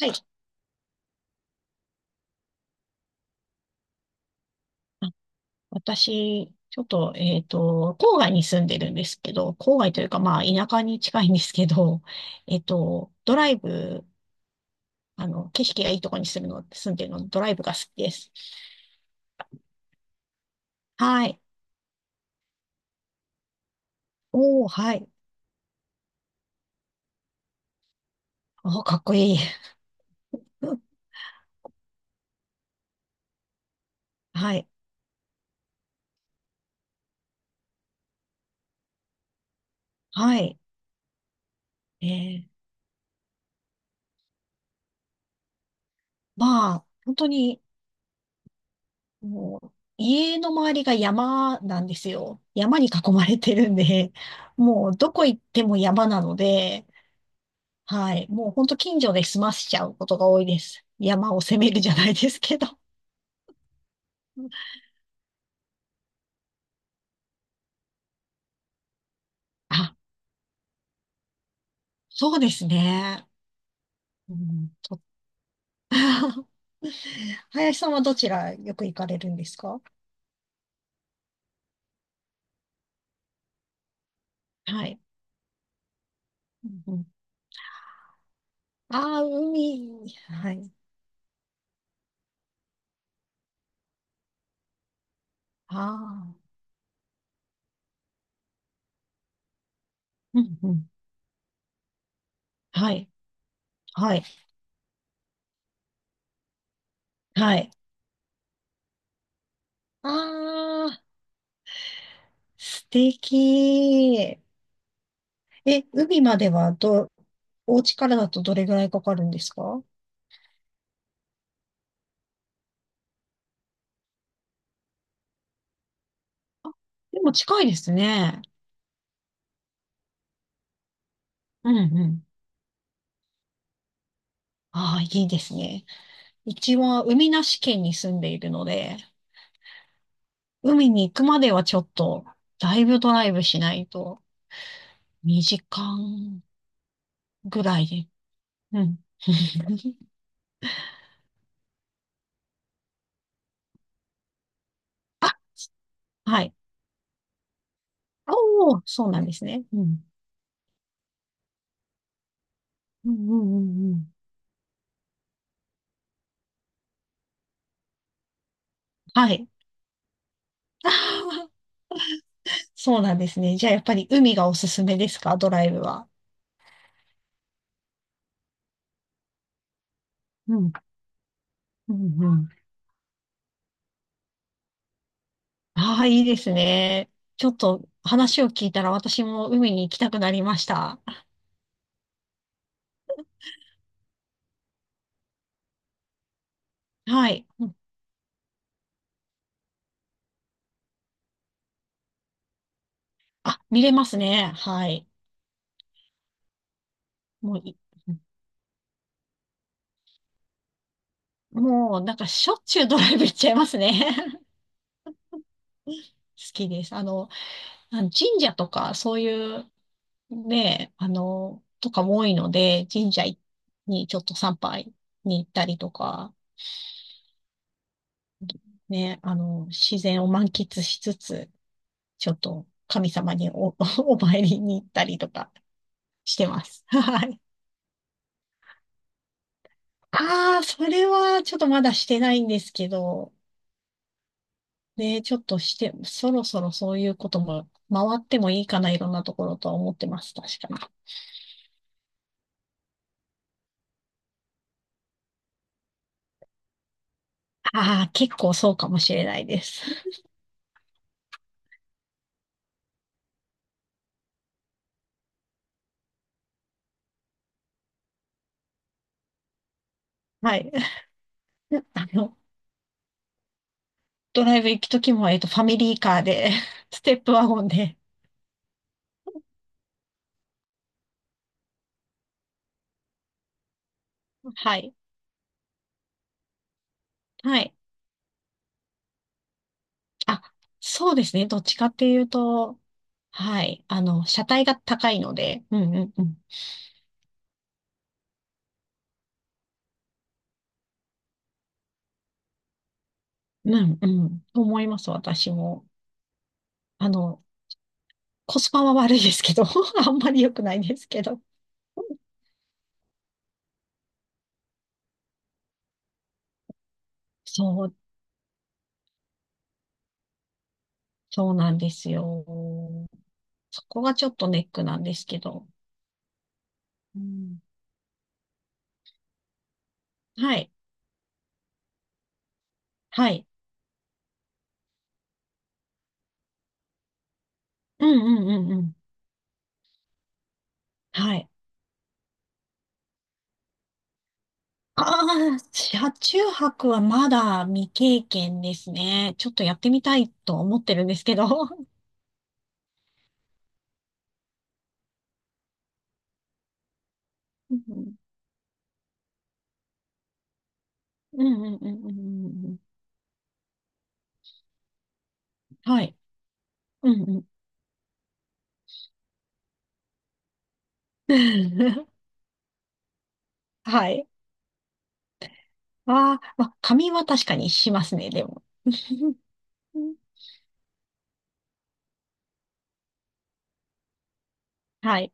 はい。あ、私、ちょっと、郊外に住んでるんですけど、郊外というか、田舎に近いんですけど、ドライブ、景色がいいところに住んでるので、ドライブが好きです。はい。おー、はい。おー、かっこいい。はい。はい。えー、本当に、もう、家の周りが山なんですよ。山に囲まれてるんで、もう、どこ行っても山なので、はい。もうほんと近所で済ませちゃうことが多いです。山を攻めるじゃないですけど。あ、そうですね。うん、林さんはどちらよく行かれるんですか？はい。うん。ああー、海。はい。ああ。うんうん。はい。はい。はい。ああ、素敵。え、海まではど、お家からだとどれぐらいかかるんですか？あ、でも近いですね。うんうん。ああ、いいですね。うちは海なし県に住んでいるので、海に行くまではちょっと、だいぶドライブしないと、2時間ぐらいで。うん。あ、はい。おお、そうなんですね。うん。うんうんうんうん。はい。あー、そうなんですね。じゃあやっぱり海がおすすめですか、ドライブは？うん。うんうん。ああ、いいですね。ちょっと話を聞いたら私も海に行きたくなりました。はい。あ、見れますね。はい。もうい、もう、なんかしょっちゅうドライブ行っちゃいますね。好きです。神社とか、そういう、ね、とかも多いので、神社にちょっと参拝に行ったりとか、ね、自然を満喫しつつ、ちょっと神様にお参りに行ったりとかしてます。はい。ああ、それはちょっとまだしてないんですけど、ねえ、ちょっとして、そろそろそういうことも回ってもいいかな、いろんなところとは思ってます。確かに。ああ、結構そうかもしれないです。はい。あの、ドライブ行くときも、ファミリーカーで、ステップワゴンで。はい。はい。あ、そうですね。どっちかっていうと、はい。車体が高いので、うんうんうん。うんうん。と思います、私も。あの、コスパは悪いですけど、あんまり良くないですけど。そう、そうなんですよ。そこがちょっとネックなんですけど。うん、はい。はい。うんうんうんうん。はい。ああ、車中泊はまだ未経験ですね。ちょっとやってみたいと思ってるんですけど。うんうんうんうんうんうんうん。はい。うんうん。はい。ああ、まあ、仮眠は確かにしますね、でも。はい。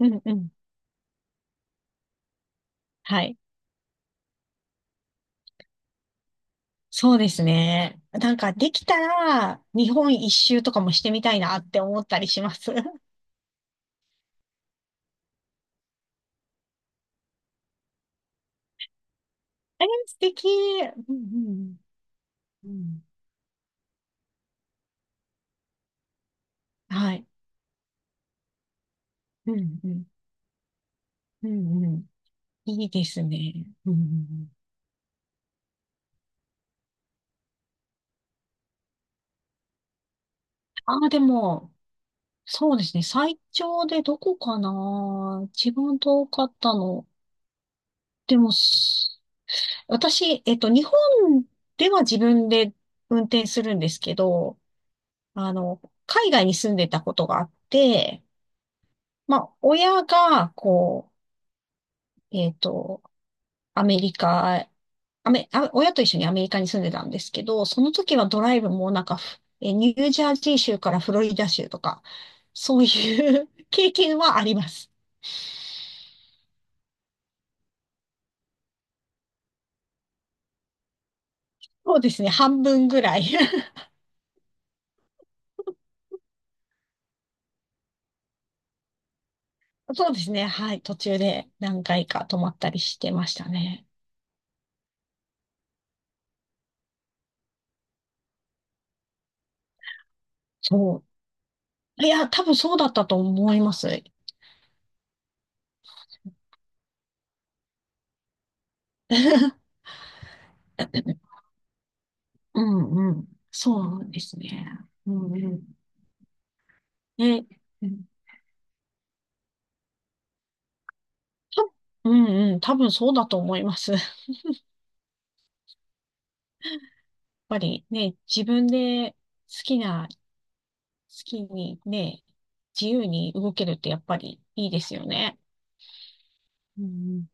うんうん。はい。そうですね。なんかできたら日本一周とかもしてみたいなって思ったりします。え、素敵。うんうん。うん。はい。うんうん。うんうん。いいですね。うんうんうん。ああ、でも、そうですね。最長でどこかな、一番遠かったの。でも、私、日本では自分で運転するんですけど、あの、海外に住んでたことがあって、親が、う、えっと、アメリカ、アメ、あ、親と一緒にアメリカに住んでたんですけど、その時はドライブもなんかニュージャージー州からフロリダ州とか、そういう 経験はあります。そうですね、半分ぐらい。そうですね、はい、途中で何回か泊まったりしてましたね。そう。いや、多分そうだったと思います。うんうん。そうですね。うんうんね、うんたうんうん、多分そうだと思います。やっぱりね、自分で好きにね、自由に動けるってやっぱりいいですよね。うん、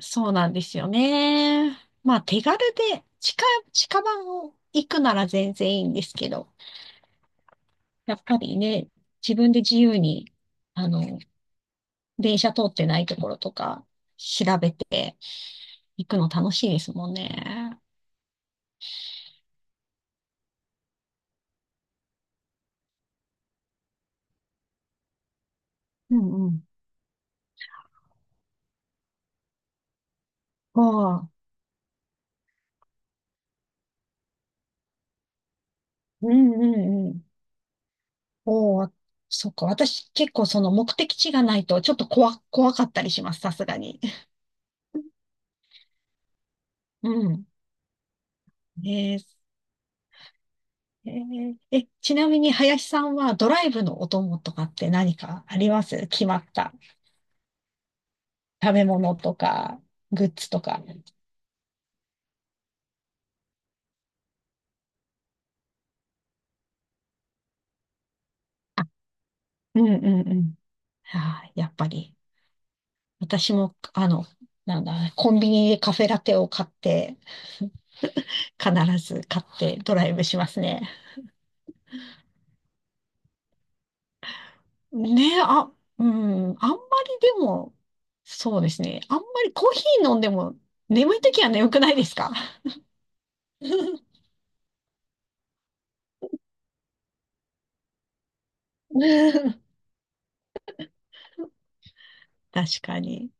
そうなんですよね。まあ手軽で近場を行くなら全然いいんですけど、やっぱりね、自分で自由に、あの、電車通ってないところとか調べて行くの楽しいですもんね。うんうん。まあうんうんうん。おお、そっか。私結構その目的地がないとちょっと怖かったりします。さすがに。うん。ねえー、えーえ、ちなみに林さんはドライブのお供とかって何かあります？決まった食べ物とか、グッズとか。あ、うんうんうん。あ、やっぱり。私も、なんだ、コンビニでカフェラテを買って、必ず買ってドライブしますね。ね、あ、うん、あんまりでも、そうですね。あんまりコーヒー飲んでも眠いときは眠くないですか？ 確かに。